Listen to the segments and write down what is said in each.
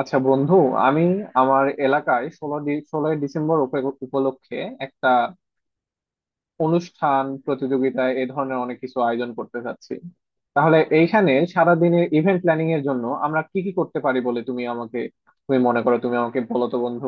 আচ্ছা বন্ধু, আমি আমার এলাকায় ষোলোই ডিসেম্বর উপলক্ষে একটা অনুষ্ঠান, প্রতিযোগিতা এ ধরনের অনেক কিছু আয়োজন করতে চাচ্ছি। তাহলে এইখানে সারাদিনের ইভেন্ট প্ল্যানিং এর জন্য আমরা কি কি করতে পারি বলে তুমি আমাকে তুমি মনে করো তুমি আমাকে বলো তো বন্ধু।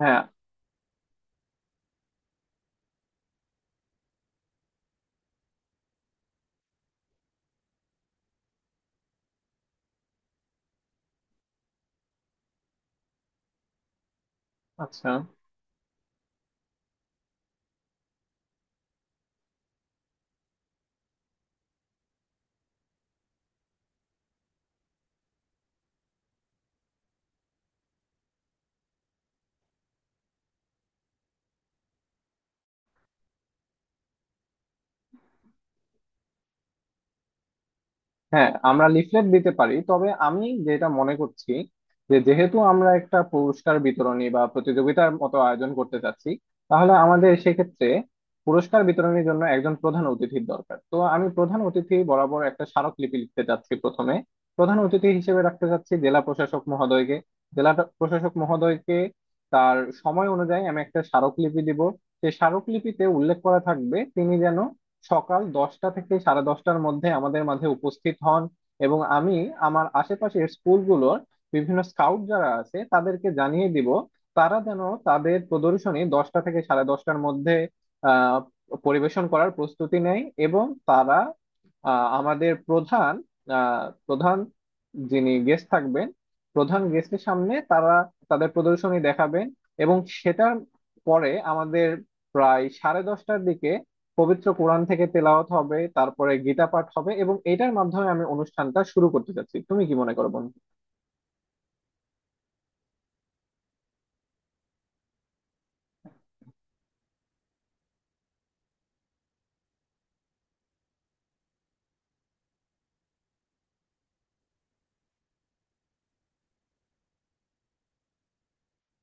হ্যাঁ, আচ্ছা। হ্যাঁ, আমরা লিফলেট দিতে পারি, তবে আমি যেটা মনে করছি যে যেহেতু আমরা একটা পুরস্কার বিতরণী বা প্রতিযোগিতার মতো আয়োজন করতে চাচ্ছি, তাহলে আমাদের সেক্ষেত্রে পুরস্কার বিতরণের জন্য একজন প্রধান অতিথির দরকার। তো আমি প্রধান অতিথি বরাবর একটা স্মারকলিপি লিখতে চাচ্ছি প্রথমে। প্রধান অতিথি হিসেবে রাখতে চাচ্ছি জেলা প্রশাসক মহোদয়কে। জেলা প্রশাসক মহোদয়কে তার সময় অনুযায়ী আমি একটা স্মারকলিপি দিব। সেই স্মারকলিপিতে উল্লেখ করা থাকবে তিনি যেন সকাল 10টা থেকে সাড়ে 10টার মধ্যে আমাদের মাঝে উপস্থিত হন। এবং আমি আমার আশেপাশের স্কুলগুলোর বিভিন্ন স্কাউট যারা আছে তাদেরকে জানিয়ে দিব তারা যেন তাদের প্রদর্শনী 10টা থেকে সাড়ে দশটার মধ্যে আহ পরিবেশন করার প্রস্তুতি নেয়। এবং তারা আমাদের প্রধান, প্রধান যিনি গেস্ট থাকবেন, প্রধান গেস্টের সামনে তারা তাদের প্রদর্শনী দেখাবেন। এবং সেটার পরে আমাদের প্রায় সাড়ে 10টার দিকে পবিত্র কোরআন থেকে তেলাওয়াত হবে, তারপরে গীতা পাঠ হবে এবং এটার মাধ্যমে আমি অনুষ্ঠানটা শুরু করতে চাচ্ছি। তুমি কি মনে করো বন্ধু?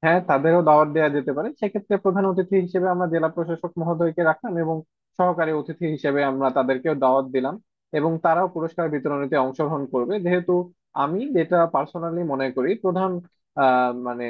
হ্যাঁ, তাদেরও দাওয়াত দেওয়া যেতে পারে। সেক্ষেত্রে প্রধান অতিথি হিসেবে আমরা জেলা প্রশাসক মহোদয়কে রাখলাম এবং সহকারী অতিথি হিসেবে আমরা তাদেরকেও দাওয়াত দিলাম। এবং তারাও পুরস্কার বিতরণীতে অংশগ্রহণ করবে। যেহেতু আমি যেটা পার্সোনালি মনে করি, প্রধান মানে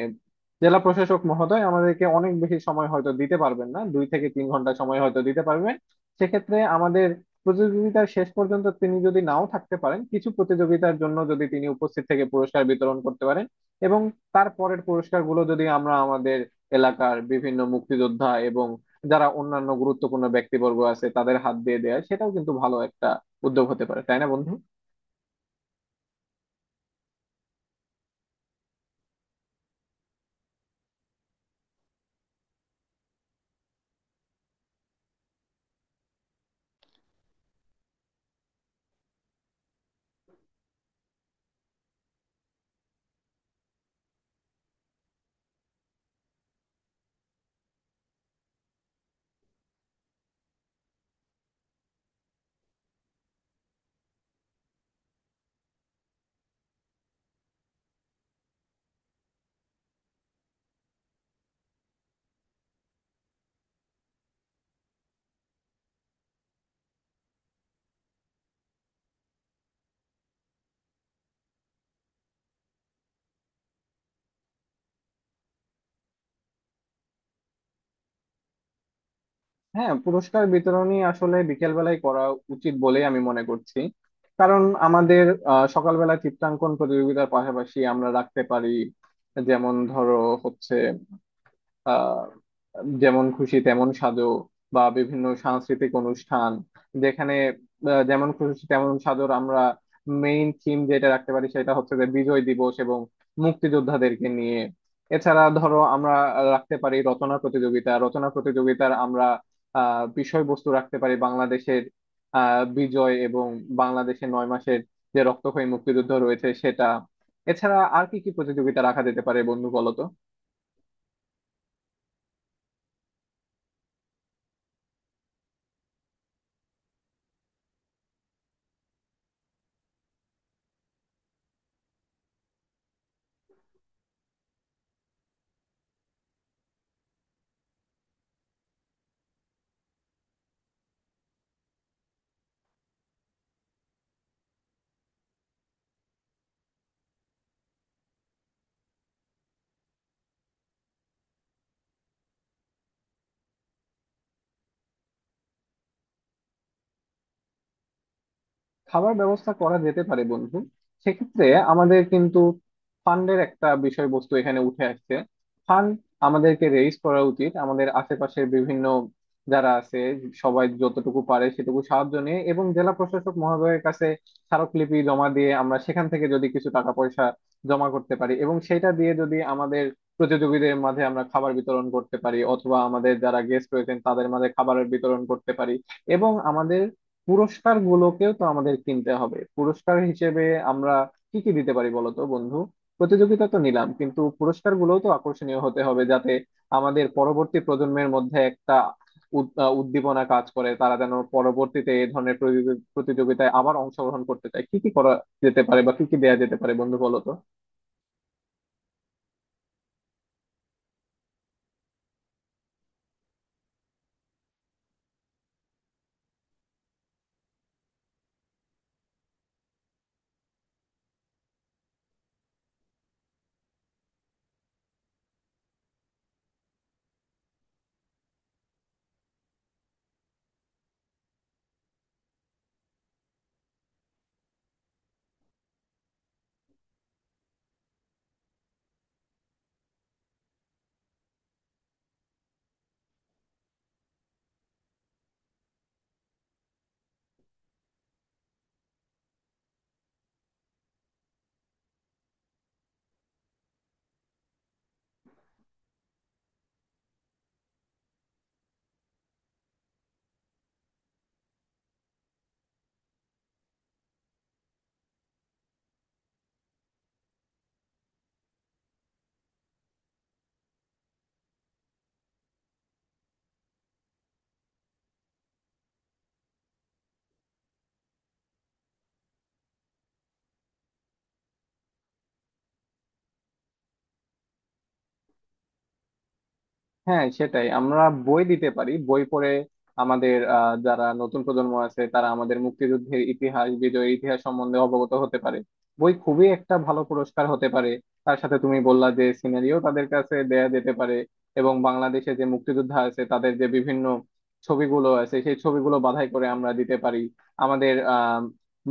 জেলা প্রশাসক মহোদয় আমাদেরকে অনেক বেশি সময় হয়তো দিতে পারবেন না, 2 থেকে 3 ঘন্টা সময় হয়তো দিতে পারবেন। সেক্ষেত্রে আমাদের প্রতিযোগিতার শেষ পর্যন্ত তিনি যদি নাও থাকতে পারেন, কিছু প্রতিযোগিতার জন্য যদি তিনি উপস্থিত থেকে পুরস্কার বিতরণ করতে পারেন এবং তারপরের পুরস্কারগুলো যদি আমরা আমাদের এলাকার বিভিন্ন মুক্তিযোদ্ধা এবং যারা অন্যান্য গুরুত্বপূর্ণ ব্যক্তিবর্গ আছে তাদের হাত দিয়ে দেয়, সেটাও কিন্তু ভালো একটা উদ্যোগ হতে পারে, তাই না বন্ধু? হ্যাঁ, পুরস্কার বিতরণী আসলে বিকেলবেলায় করা উচিত বলেই আমি মনে করছি। কারণ আমাদের সকালবেলা চিত্রাঙ্কন প্রতিযোগিতার পাশাপাশি আমরা রাখতে পারি, যেমন ধরো হচ্ছে আহ যেমন খুশি তেমন সাজো বা বিভিন্ন সাংস্কৃতিক অনুষ্ঠান, যেখানে যেমন খুশি তেমন সাজোর আমরা মেইন থিম যেটা রাখতে পারি সেটা হচ্ছে যে বিজয় দিবস এবং মুক্তিযোদ্ধাদেরকে নিয়ে। এছাড়া ধরো আমরা রাখতে পারি রচনা প্রতিযোগিতা। রচনা প্রতিযোগিতার আমরা বিষয়বস্তু রাখতে পারি বাংলাদেশের বিজয় এবং বাংলাদেশের 9 মাসের যে রক্তক্ষয়ী মুক্তিযুদ্ধ রয়েছে সেটা। এছাড়া আর কি কি প্রতিযোগিতা রাখা যেতে পারে বন্ধু বলো তো? খাবার ব্যবস্থা করা যেতে পারে বন্ধু। সেক্ষেত্রে আমাদের কিন্তু ফান্ডের একটা বিষয়বস্তু এখানে উঠে আসছে। ফান্ড আমাদেরকে রেইজ করা উচিত আমাদের আশেপাশের বিভিন্ন যারা আছে সবাই যতটুকু পারে সেটুকু সাহায্য নিয়ে এবং জেলা প্রশাসক মহোদয়ের কাছে স্মারকলিপি জমা দিয়ে আমরা সেখান থেকে যদি কিছু টাকা পয়সা জমা করতে পারি এবং সেটা দিয়ে যদি আমাদের প্রতিযোগীদের মাঝে আমরা খাবার বিতরণ করতে পারি, অথবা আমাদের যারা গেস্ট রয়েছেন তাদের মাঝে খাবারের বিতরণ করতে পারি। এবং আমাদের পুরস্কার গুলোকেও তো আমাদের কিনতে হবে। পুরস্কার হিসেবে আমরা কি কি দিতে পারি বলতো বন্ধু? প্রতিযোগিতা তো নিলাম, কিন্তু পুরস্কার গুলোও তো আকর্ষণীয় হতে হবে, যাতে আমাদের পরবর্তী প্রজন্মের মধ্যে একটা উদ্দীপনা কাজ করে, তারা যেন পরবর্তীতে এই ধরনের প্রতিযোগিতায় আবার অংশগ্রহণ করতে চায়। কি কি করা যেতে পারে বা কি কি দেয়া যেতে পারে বন্ধু বলতো? হ্যাঁ, সেটাই আমরা বই দিতে পারি। বই পড়ে আমাদের যারা নতুন প্রজন্ম আছে তারা আমাদের মুক্তিযুদ্ধের ইতিহাস, বিজয়ের ইতিহাস সম্বন্ধে অবগত হতে পারে। বই খুবই একটা ভালো পুরস্কার হতে পারে। তার সাথে তুমি বললা যে সিনারিও তাদের কাছে দেয়া যেতে পারে এবং বাংলাদেশে যে মুক্তিযোদ্ধা আছে তাদের যে বিভিন্ন ছবিগুলো আছে সেই ছবিগুলো বাছাই করে আমরা দিতে পারি। আমাদের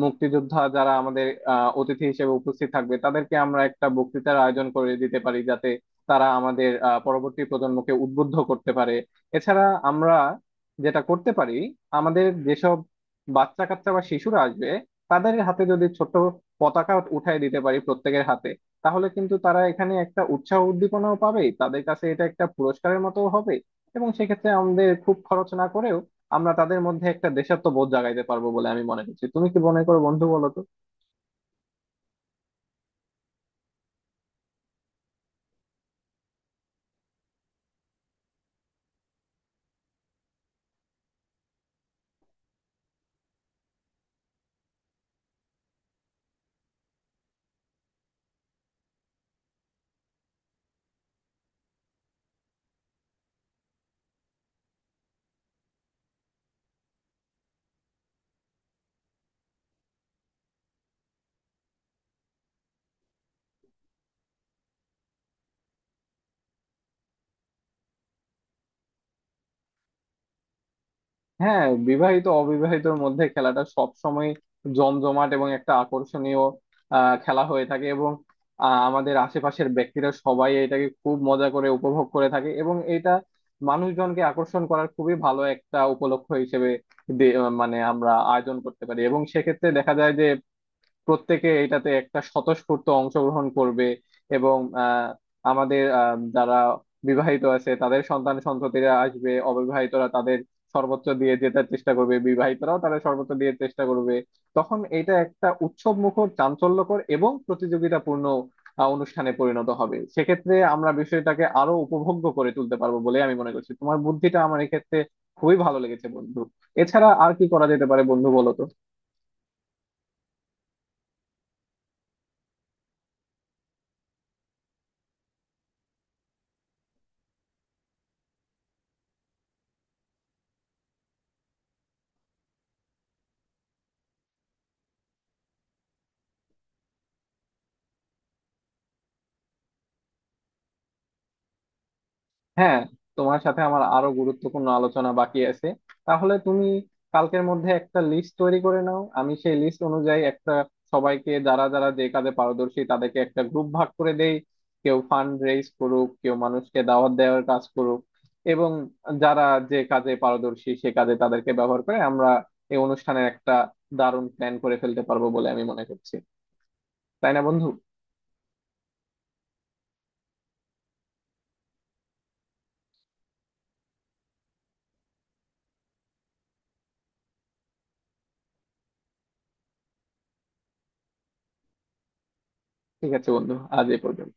মুক্তিযোদ্ধা যারা আমাদের অতিথি হিসেবে উপস্থিত থাকবে তাদেরকে আমরা একটা বক্তৃতার আয়োজন করে দিতে পারি, যাতে তারা আমাদের পরবর্তী প্রজন্মকে উদ্বুদ্ধ করতে পারে। এছাড়া আমরা যেটা করতে পারি, আমাদের যেসব বাচ্চা কাচ্চা বা শিশুরা আসবে তাদের হাতে যদি ছোট পতাকা উঠায় দিতে পারি প্রত্যেকের হাতে, তাহলে কিন্তু তারা এখানে একটা উৎসাহ উদ্দীপনাও পাবে। তাদের কাছে এটা একটা পুরস্কারের মতো হবে এবং সেক্ষেত্রে আমাদের খুব খরচ না করেও আমরা তাদের মধ্যে একটা দেশাত্মবোধ জাগাইতে পারবো বলে আমি মনে করছি। তুমি কি মনে করো বন্ধু বলো তো? হ্যাঁ, বিবাহিত অবিবাহিতর মধ্যে খেলাটা সব সময় জমজমাট এবং একটা আকর্ষণীয় খেলা হয়ে থাকে এবং আমাদের আশেপাশের ব্যক্তিরা সবাই এটাকে খুব মজা করে উপভোগ করে থাকে, এবং এটা মানুষজনকে আকর্ষণ করার খুবই ভালো একটা উপলক্ষ হিসেবে দে- মানে আমরা আয়োজন করতে পারি। এবং সেক্ষেত্রে দেখা যায় যে প্রত্যেকে এটাতে একটা স্বতঃস্ফূর্ত অংশগ্রহণ করবে এবং আহ, আমাদের যারা বিবাহিত আছে তাদের সন্তান সন্ততিরা আসবে, অবিবাহিতরা তাদের সর্বোচ্চ দিয়ে জেতার চেষ্টা করবে, বিবাহিতরাও তাদের সর্বোচ্চ দিয়ে চেষ্টা করবে। তখন এটা একটা উৎসব মুখর, চাঞ্চল্যকর এবং প্রতিযোগিতাপূর্ণ অনুষ্ঠানে পরিণত হবে। সেক্ষেত্রে আমরা বিষয়টাকে আরো উপভোগ্য করে তুলতে পারবো বলে আমি মনে করছি। তোমার বুদ্ধিটা আমার এক্ষেত্রে খুবই ভালো লেগেছে বন্ধু। এছাড়া আর কি করা যেতে পারে বন্ধু বলো তো? হ্যাঁ, তোমার সাথে আমার আরো গুরুত্বপূর্ণ আলোচনা বাকি আছে। তাহলে তুমি কালকের মধ্যে একটা লিস্ট তৈরি করে নাও, আমি সেই লিস্ট অনুযায়ী একটা সবাইকে, যারা যারা যে কাজে পারদর্শী তাদেরকে একটা গ্রুপ ভাগ করে দেই। কেউ ফান্ড রেইজ করুক, কেউ মানুষকে দাওয়াত দেওয়ার কাজ করুক। এবং যারা যে কাজে পারদর্শী সে কাজে তাদেরকে ব্যবহার করে আমরা এই অনুষ্ঠানের একটা দারুণ প্ল্যান করে ফেলতে পারবো বলে আমি মনে করছি, তাই না বন্ধু? ঠিক আছে বন্ধু, আজ এ পর্যন্ত।